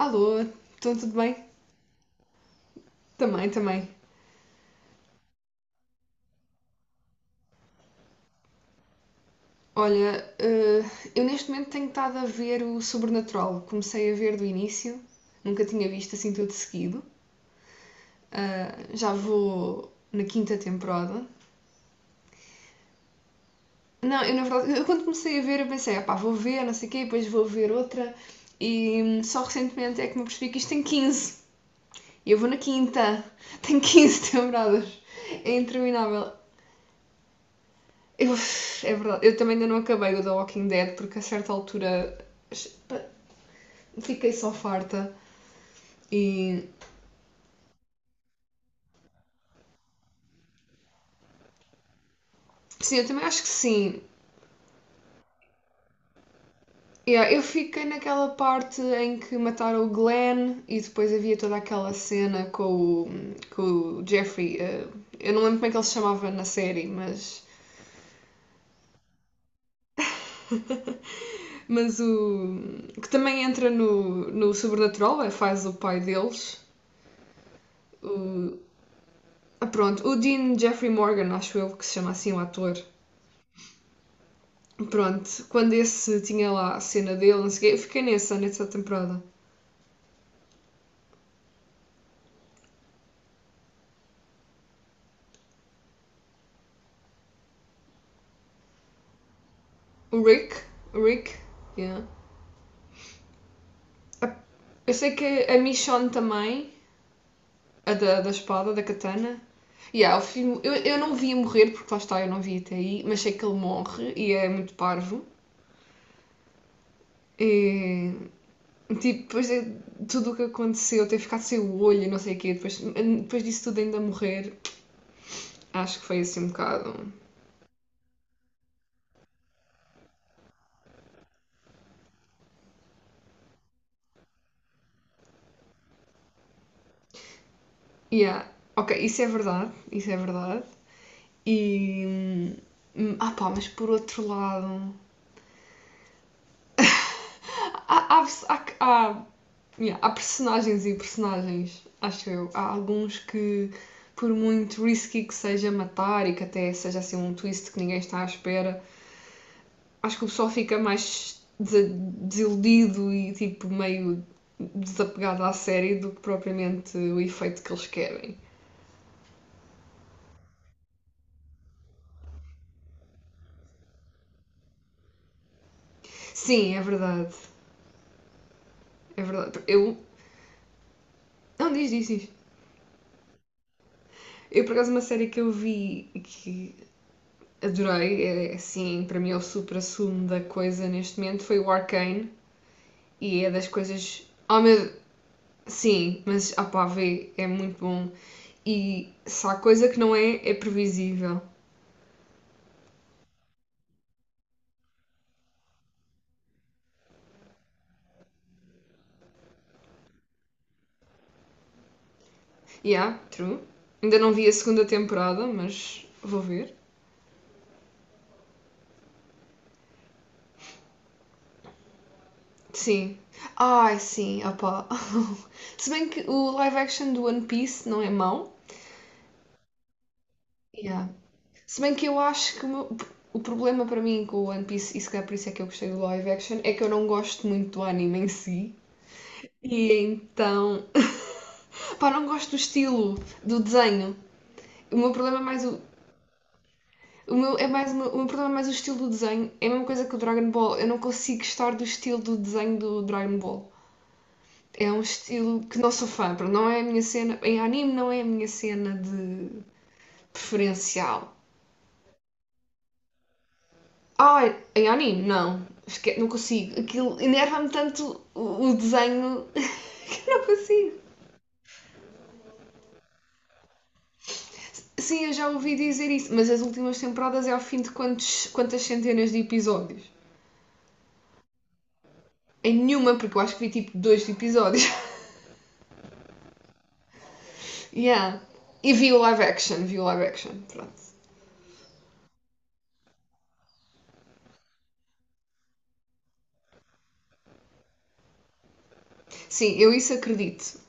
Alô, então tudo bem? Também, também. Olha, eu neste momento tenho estado a ver o Sobrenatural. Comecei a ver do início, nunca tinha visto assim tudo seguido. Já vou na quinta temporada. Não, eu na verdade, eu quando comecei a ver, eu pensei, ah pá, vou ver, não sei o quê, depois vou ver outra. E só recentemente é que me percebi que isto tem 15. E eu vou na quinta. Tem 15 temporadas. É interminável. Eu, é verdade, eu também ainda não acabei o The Walking Dead porque a certa altura fiquei só farta e sim, eu também acho que sim. Yeah, eu fiquei naquela parte em que mataram o Glenn e depois havia toda aquela cena com com o Jeffrey. Eu não lembro como é que ele se chamava na série, mas o. Que também entra no Sobrenatural, é, faz o pai deles. O, pronto, o Dean Jeffrey Morgan, acho eu que se chama assim o ator. Pronto, quando esse tinha lá a cena dele, não sei o quê, eu fiquei nessa temporada. O Rick, o Rick, yeah. Eu sei que a Michonne também, a da espada, da katana. Yeah, o filme, eu não vi morrer, porque lá está, eu não vi até aí, mas sei que ele morre e é muito parvo. E, tipo, depois de tudo o que aconteceu, ter ficado sem o olho e não sei o quê, depois disso tudo ainda morrer, acho que foi assim um bocado. Yeah, ok, isso é verdade. E. hum, Ah pá, mas por outro lado. Há, há, há, há- yeah, há personagens e personagens, acho eu. Há alguns que, por muito risky que seja matar e que até seja assim um twist que ninguém está à espera, acho que o pessoal fica mais desiludido e tipo meio desapegado à série do que propriamente o efeito que eles querem. Sim, é verdade. É verdade. Eu. Não, diz. Eu, por acaso, uma série que eu vi que adorei, é, assim, para mim é o supra-sumo da coisa neste momento, foi o Arcane, e é das coisas... Oh, meu... Sim, mas, ah pá, vê, é muito bom. E se há coisa que não é, é previsível. Yeah, true. Ainda não vi a segunda temporada, mas vou ver. Sim. Ai, sim, opá. Se bem que o live action do One Piece não é mau. Yeah. Se bem que eu acho que o problema para mim com o One Piece, e se calhar por isso é que eu gostei do live action, é que eu não gosto muito do anime em si. E então. Pá, não gosto do estilo do desenho. O meu problema é mais o. O meu problema é mais o estilo do desenho. É a mesma coisa que o Dragon Ball. Eu não consigo gostar do estilo do desenho do Dragon Ball. É um estilo que não sou fã. Pronto, não é a minha cena. Em anime não é a minha cena de preferencial. Ai, em anime, não. Não consigo. Aquilo enerva-me tanto o desenho que eu não consigo. Sim, eu já ouvi dizer isso, mas as últimas temporadas é ao fim de quantas centenas de episódios? Em nenhuma, porque eu acho que vi tipo dois episódios. Yeah. E vi o live action, pronto. Sim, eu isso acredito.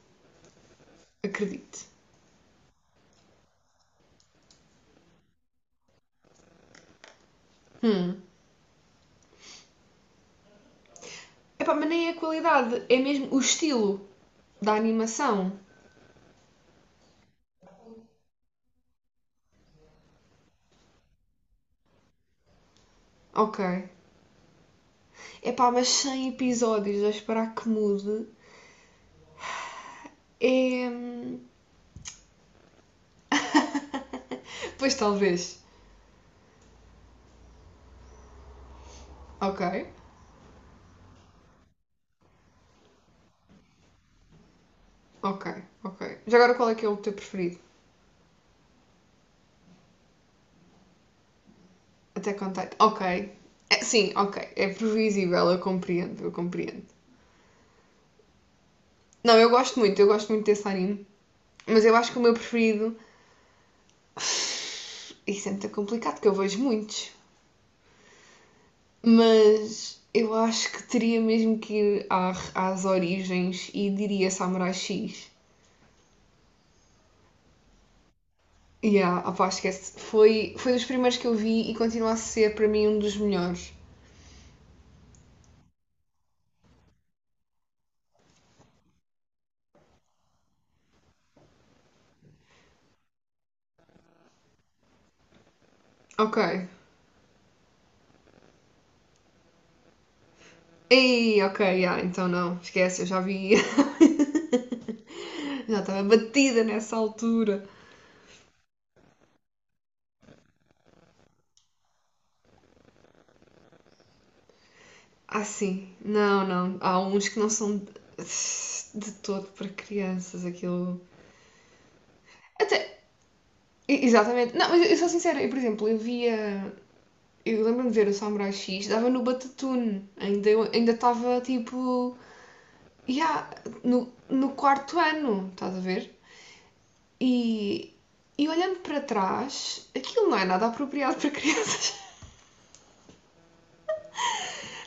Acredito. Hum. Epá, mas nem é a qualidade, é mesmo o estilo da animação. Ok. Epá, mas 100 episódios a esperar que mude. É. Pois talvez. Ok, ok, ok. Já agora qual é que é o teu preferido? Até contato. Ok. É, sim, ok. É previsível, eu compreendo. Não, eu gosto muito desse anime. Mas eu acho que o meu preferido. Isso é muito complicado, porque eu vejo muitos. Mas eu acho que teria mesmo que ir às origens e diria Samurai X. Yeah, opá, esquece. Foi dos primeiros que eu vi e continua a ser para mim um dos melhores. Ok. Ei, ok, ah, então não, esquece, eu já vi. Já estava batida nessa altura. Ah, sim, não, não. Há uns que não são de todo para crianças, aquilo. Até, exatamente. Não, mas eu sou sincera, eu, por exemplo, eu via. Eu lembro-me de ver o Samurai X, dava no Batatune, ainda ainda estava tipo. Yeah, no quarto ano, estás a ver? E, e olhando para trás, aquilo não é nada apropriado para crianças.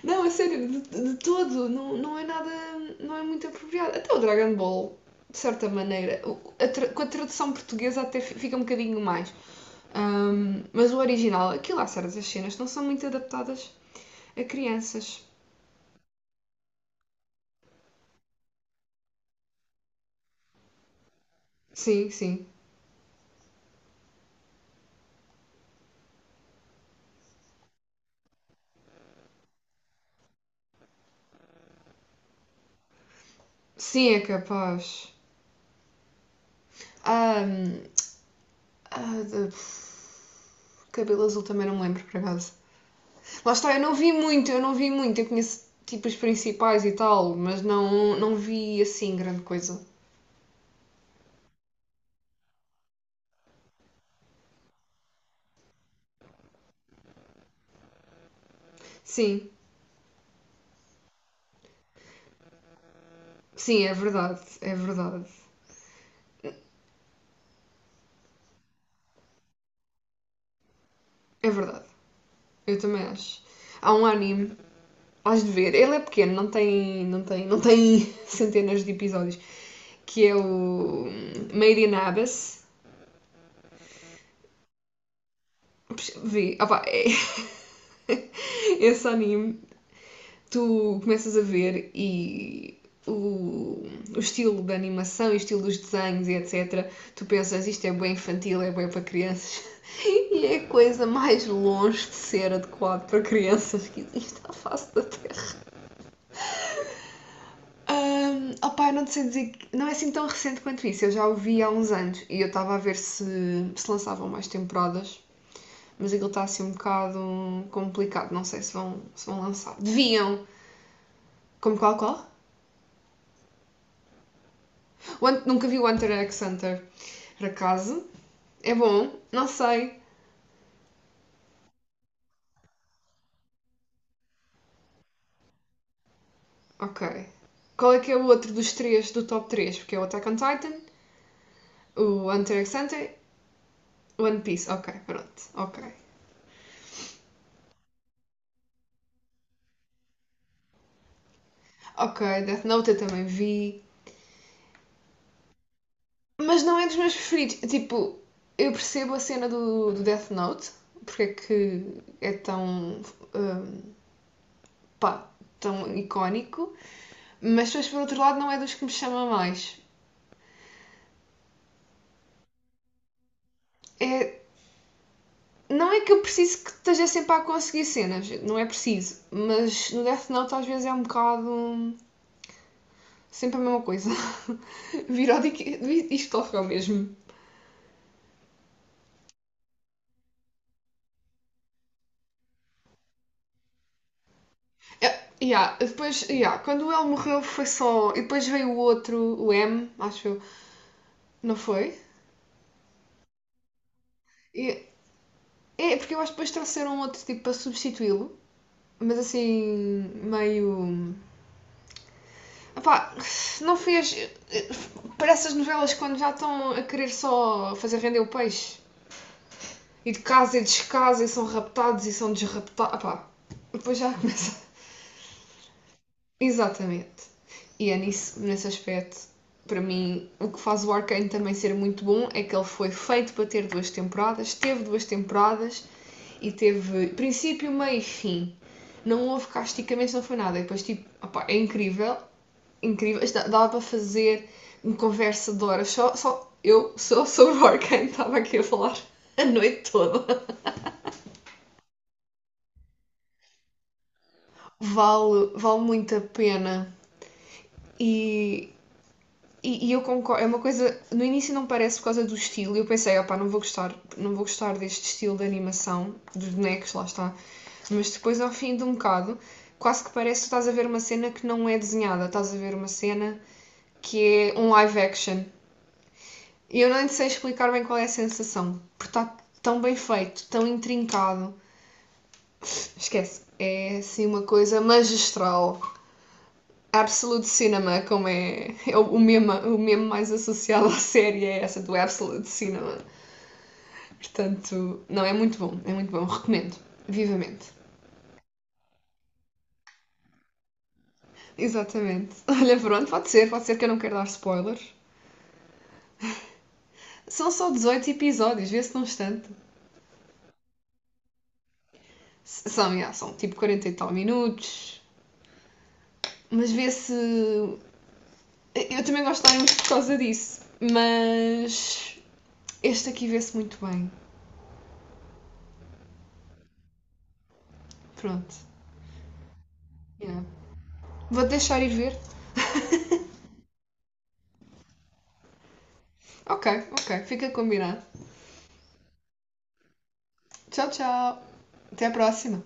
Não, a sério, de todo, não, não é nada, não é muito apropriado. Até o Dragon Ball, de certa maneira, com a tradução portuguesa até fica um bocadinho mais. Mas o original, aquilo há certas cenas que não são muito adaptadas a crianças. Sim, sim. Sim, é capaz. Ahm, ah, de- Cabelo azul também não me lembro, por acaso. Lá está, eu não vi muito. Eu conheço tipo os principais e tal, mas não, não vi assim grande coisa. Sim, sim, é verdade. Eu também acho. Há um anime, has de ver, ele é pequeno, não tem centenas de episódios, que é o Made in Abyss. Vê, opa, é... Esse anime tu começas a ver e o, o estilo da animação e o estilo dos desenhos e etc., tu pensas isto é bem infantil, é bem para crianças. E é a coisa mais longe de ser adequado para crianças que existe à face da Terra. Um, opa, não te sei dizer não é assim tão recente quanto isso. Eu já o vi há uns anos e eu estava a ver se lançavam mais temporadas, mas aquilo está assim um bocado complicado. Não sei se vão lançar. Deviam. Como qual qual? Nunca vi o Hunter x Hunter, por acaso. É bom? Não sei. Ok. Qual é que é o outro dos três, do top 3? Porque é o Attack on Titan, o Hunter x Hunter, One Piece. Ok, pronto. Ok. Ok, Death Note eu também vi. Mas não é dos meus preferidos. Tipo, eu percebo a cena do Death Note, porque é que é tão. Hum, pá, tão icónico, mas depois por outro lado não é dos que me chama mais. É. Não é que eu preciso que esteja sempre a conseguir cenas, não é preciso, mas no Death Note às vezes é um bocado sempre a mesma coisa. Virou Viródico, isto ocorreu mesmo. É, yeah, depois, yeah, quando o L morreu foi só. E depois veio o outro, o M, acho eu, não foi? E- É, porque eu acho que depois trouxeram um outro tipo para substituí-lo, mas assim, meio. Epá, não fez. Para essas novelas quando já estão a querer só fazer render o peixe. E de casa e descasa e são raptados e são desraptados. Epá, depois já começa. Exatamente. E é nisso, nesse aspecto, para mim, o que faz o Arcane também ser muito bom é que ele foi feito para ter duas temporadas, teve duas temporadas e teve princípio, meio e fim. Não houve casticamente, não foi nada. E depois, tipo, opá, é incrível, incrível. Dava para fazer uma conversa de horas só, só eu só sobre o Arcane, estava aqui a falar a noite toda. Vale muito a pena. E, e eu concordo, é uma coisa, no início não parece por causa do estilo, eu pensei, opá, não vou gostar deste estilo de animação, dos bonecos, lá está. Mas depois, ao fim de um bocado, quase que parece que estás a ver uma cena que não é desenhada, estás a ver uma cena que é um live action. E eu nem sei explicar bem qual é a sensação, porque está tão bem feito, tão intrincado. Esquece, é assim uma coisa magistral. Absolute Cinema, como é, é meme, o meme mais associado à série, é essa do Absolute Cinema. Portanto, não, é muito bom, recomendo, vivamente. Exatamente. Olha, pronto, pode ser que eu não quero dar spoilers. São só 18 episódios, vê-se num instante. São, já, são tipo 40 e tal minutos, mas vê-se. Eu também gosto de dar muito por causa disso, mas este aqui vê-se muito bem. Pronto, yeah. Vou deixar ir ver, Ok, ok. Fica combinado. Tchau, tchau. Até a próxima.